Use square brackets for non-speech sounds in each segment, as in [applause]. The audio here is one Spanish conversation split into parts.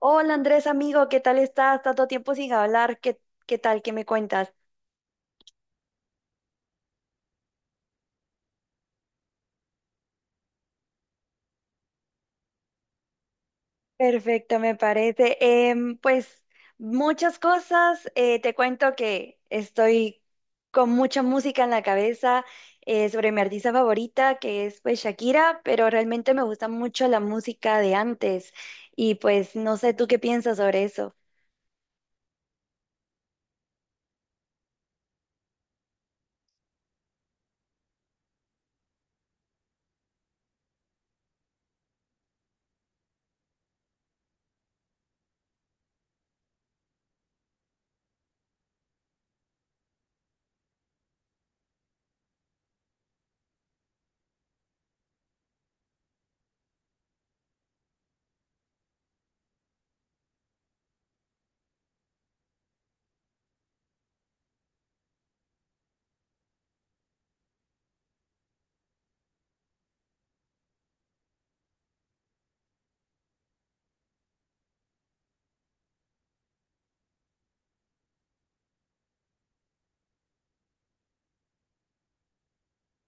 Hola Andrés, amigo, ¿qué tal estás? Tanto tiempo sin hablar, ¿qué tal? ¿Qué me cuentas? Perfecto, me parece. Pues muchas cosas. Te cuento que estoy con mucha música en la cabeza sobre mi artista favorita, que es pues Shakira, pero realmente me gusta mucho la música de antes y pues no sé tú qué piensas sobre eso.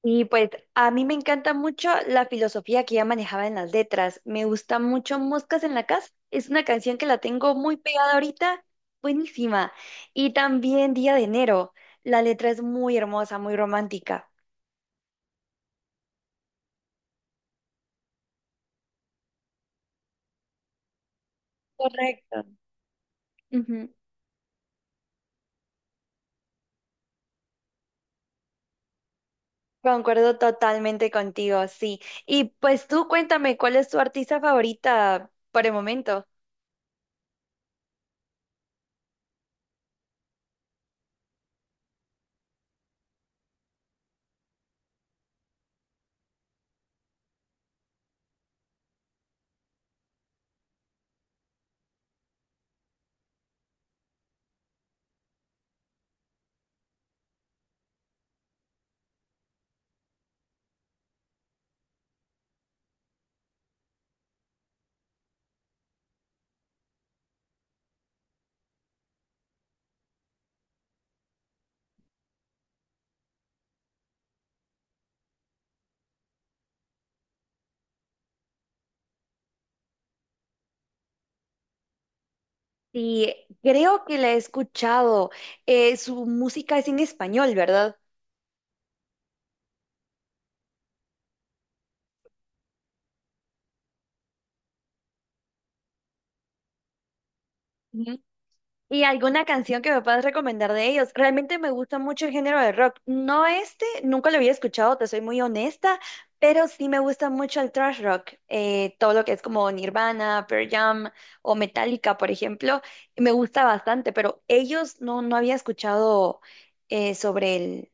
Y pues a mí me encanta mucho la filosofía que ella manejaba en las letras. Me gusta mucho Moscas en la Casa. Es una canción que la tengo muy pegada ahorita. Buenísima. Y también Día de Enero. La letra es muy hermosa, muy romántica. Correcto. Ujú. Concuerdo totalmente contigo, sí. Y pues tú cuéntame, ¿cuál es tu artista favorita por el momento? Sí, creo que la he escuchado. Su música es en español, ¿verdad? Y alguna canción que me puedas recomendar de ellos. Realmente me gusta mucho el género de rock. No este, nunca lo había escuchado, te soy muy honesta, pero sí me gusta mucho el thrash rock. Todo lo que es como Nirvana, Pearl Jam o Metallica, por ejemplo, me gusta bastante, pero ellos no, no había escuchado sobre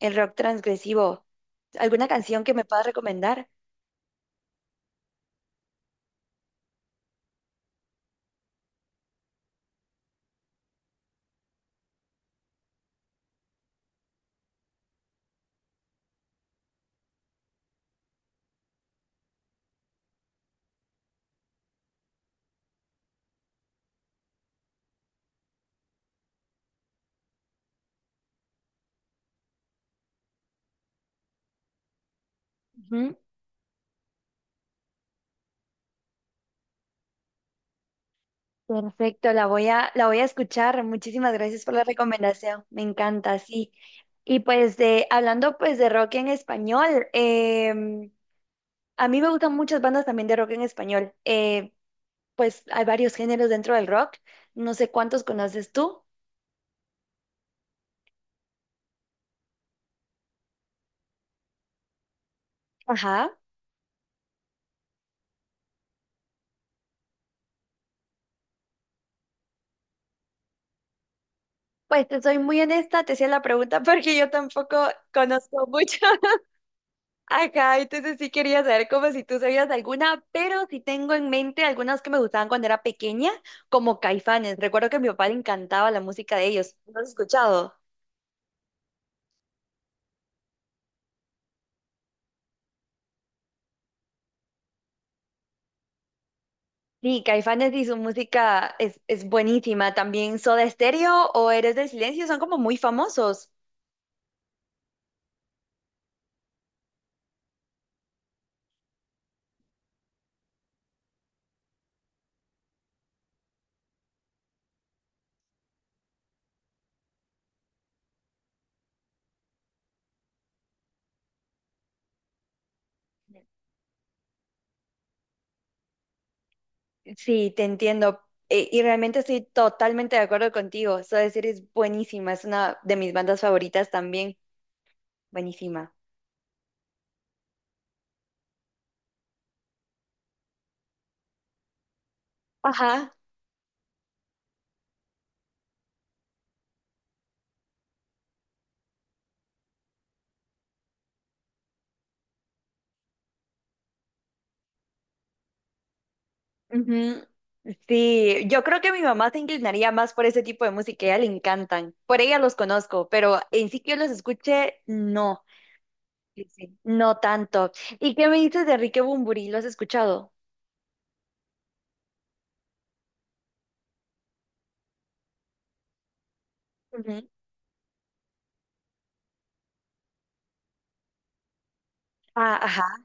el rock transgresivo. ¿Alguna canción que me puedas recomendar? Perfecto, la voy a escuchar. Muchísimas gracias por la recomendación. Me encanta, sí. Y pues hablando pues de rock en español, a mí me gustan muchas bandas también de rock en español. Pues hay varios géneros dentro del rock. No sé cuántos conoces tú. Ajá. Pues te soy muy honesta, te hacía la pregunta [laughs] porque yo tampoco conozco mucho. Ajá, entonces sí quería saber como si tú sabías alguna, pero sí tengo en mente algunas que me gustaban cuando era pequeña, como Caifanes. Recuerdo que a mi papá le encantaba la música de ellos. ¿No has escuchado? Sí, Caifanes y su música es buenísima. También Soda Stereo o Eres del Silencio son como muy famosos. Sí, te entiendo. Y realmente estoy totalmente de acuerdo contigo. Soda Stereo es buenísima, es una de mis bandas favoritas también. Buenísima. Ajá. Ujú. Sí, yo creo que mi mamá se inclinaría más por ese tipo de música, a ella le encantan. Por ella los conozco, pero en sí que yo los escuche, no, sí, sí, no tanto. ¿Y qué me dices de Enrique Bunbury? ¿Lo has escuchado? Ujú. Ah, ajá.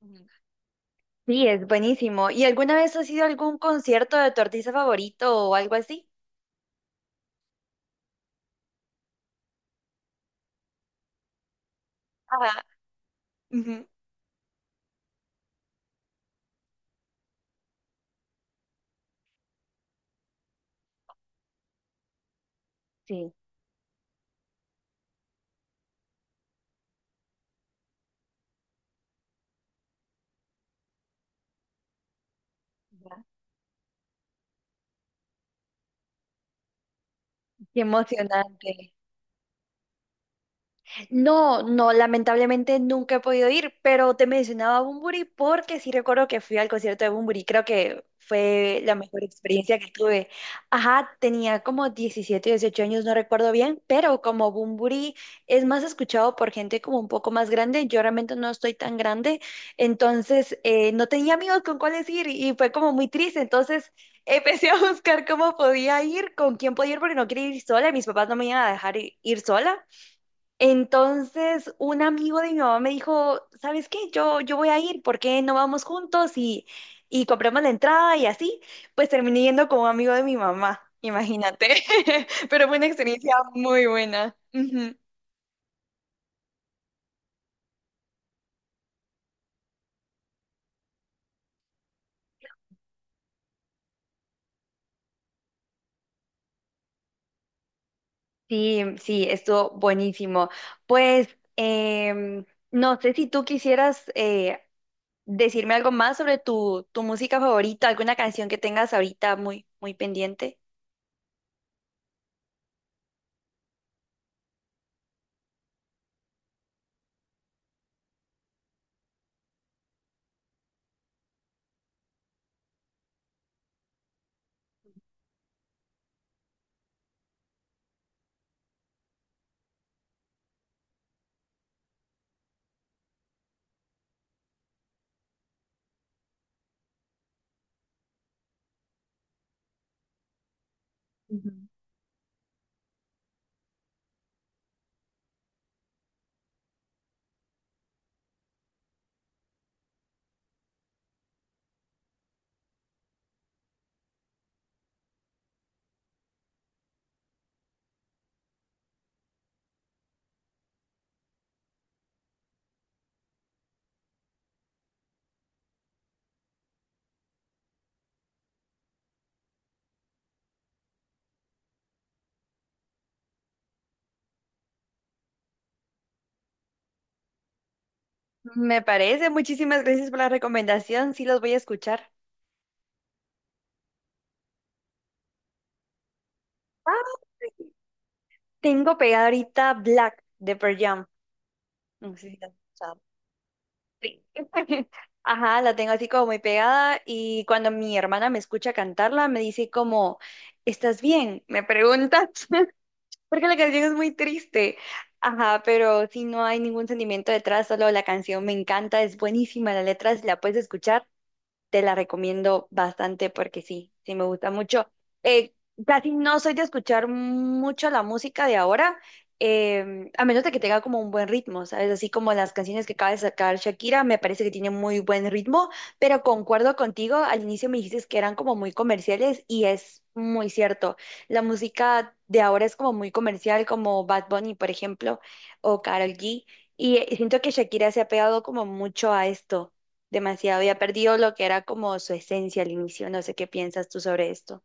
Ujú. Sí, es buenísimo. ¿Y alguna vez has ido a algún concierto de tu artista favorito o algo así? Ajá. Ujú. Sí. Ya. Qué emocionante. No, no, lamentablemente nunca he podido ir, pero te mencionaba a Bunbury porque sí recuerdo que fui al concierto de Bunbury, creo que fue la mejor experiencia que tuve. Ajá, tenía como 17, 18 años, no recuerdo bien, pero como Bunbury es más escuchado por gente como un poco más grande, yo realmente no estoy tan grande, entonces no tenía amigos con cuáles ir y fue como muy triste, entonces [laughs] empecé a buscar cómo podía ir, con quién podía ir, porque no quería ir sola y mis papás no me iban a dejar ir sola. Entonces, un amigo de mi mamá me dijo, ¿sabes qué? Yo voy a ir, ¿por qué no vamos juntos y compramos la entrada y así? Pues terminé yendo con un amigo de mi mamá, imagínate. [laughs] Pero fue una experiencia muy buena. Ujú. Sí, sí, estuvo buenísimo. Pues, no sé si tú quisieras decirme algo más sobre tu música favorita, alguna canción que tengas ahorita muy pendiente. Ujú. Me parece. Muchísimas gracias por la recomendación. Sí, los voy a escuchar. Ah, tengo pegada ahorita Black de Pearl Jam. No sé si la has escuchado. Sí. [laughs] Ajá, la tengo así como muy pegada y cuando mi hermana me escucha cantarla me dice como, ¿estás bien? Me pregunta, [laughs] porque la canción es muy triste. Ajá, pero si no hay ningún sentimiento detrás, solo la canción me encanta, es buenísima, la letra, si la puedes escuchar, te la recomiendo bastante porque sí me gusta mucho. Eh, casi no soy de escuchar mucho la música de ahora, a menos de que tenga como un buen ritmo, ¿sabes? Así como las canciones que acaba de sacar Shakira, me parece que tiene muy buen ritmo, pero concuerdo contigo, al inicio me dijiste que eran como muy comerciales y es muy cierto. La música de ahora es como muy comercial, como Bad Bunny, por ejemplo, o Karol G. Y siento que Shakira se ha pegado como mucho a esto demasiado y ha perdido lo que era como su esencia al inicio. No sé qué piensas tú sobre esto.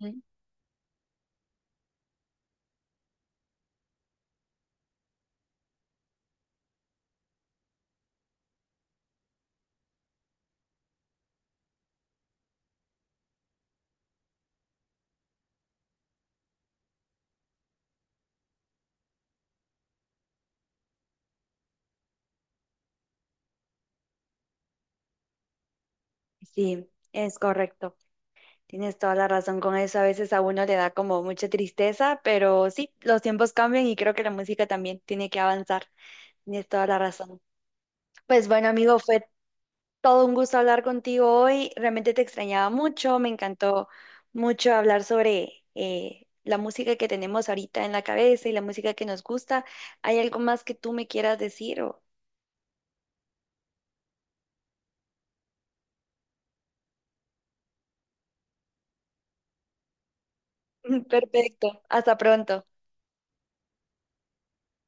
Mm. Sí, es correcto. Tienes toda la razón con eso. A veces a uno le da como mucha tristeza, pero sí, los tiempos cambian y creo que la música también tiene que avanzar. Tienes toda la razón. Pues bueno, amigo, fue todo un gusto hablar contigo hoy. Realmente te extrañaba mucho. Me encantó mucho hablar sobre la música que tenemos ahorita en la cabeza y la música que nos gusta. ¿Hay algo más que tú me quieras decir o? [laughs] Perfecto. Hasta pronto.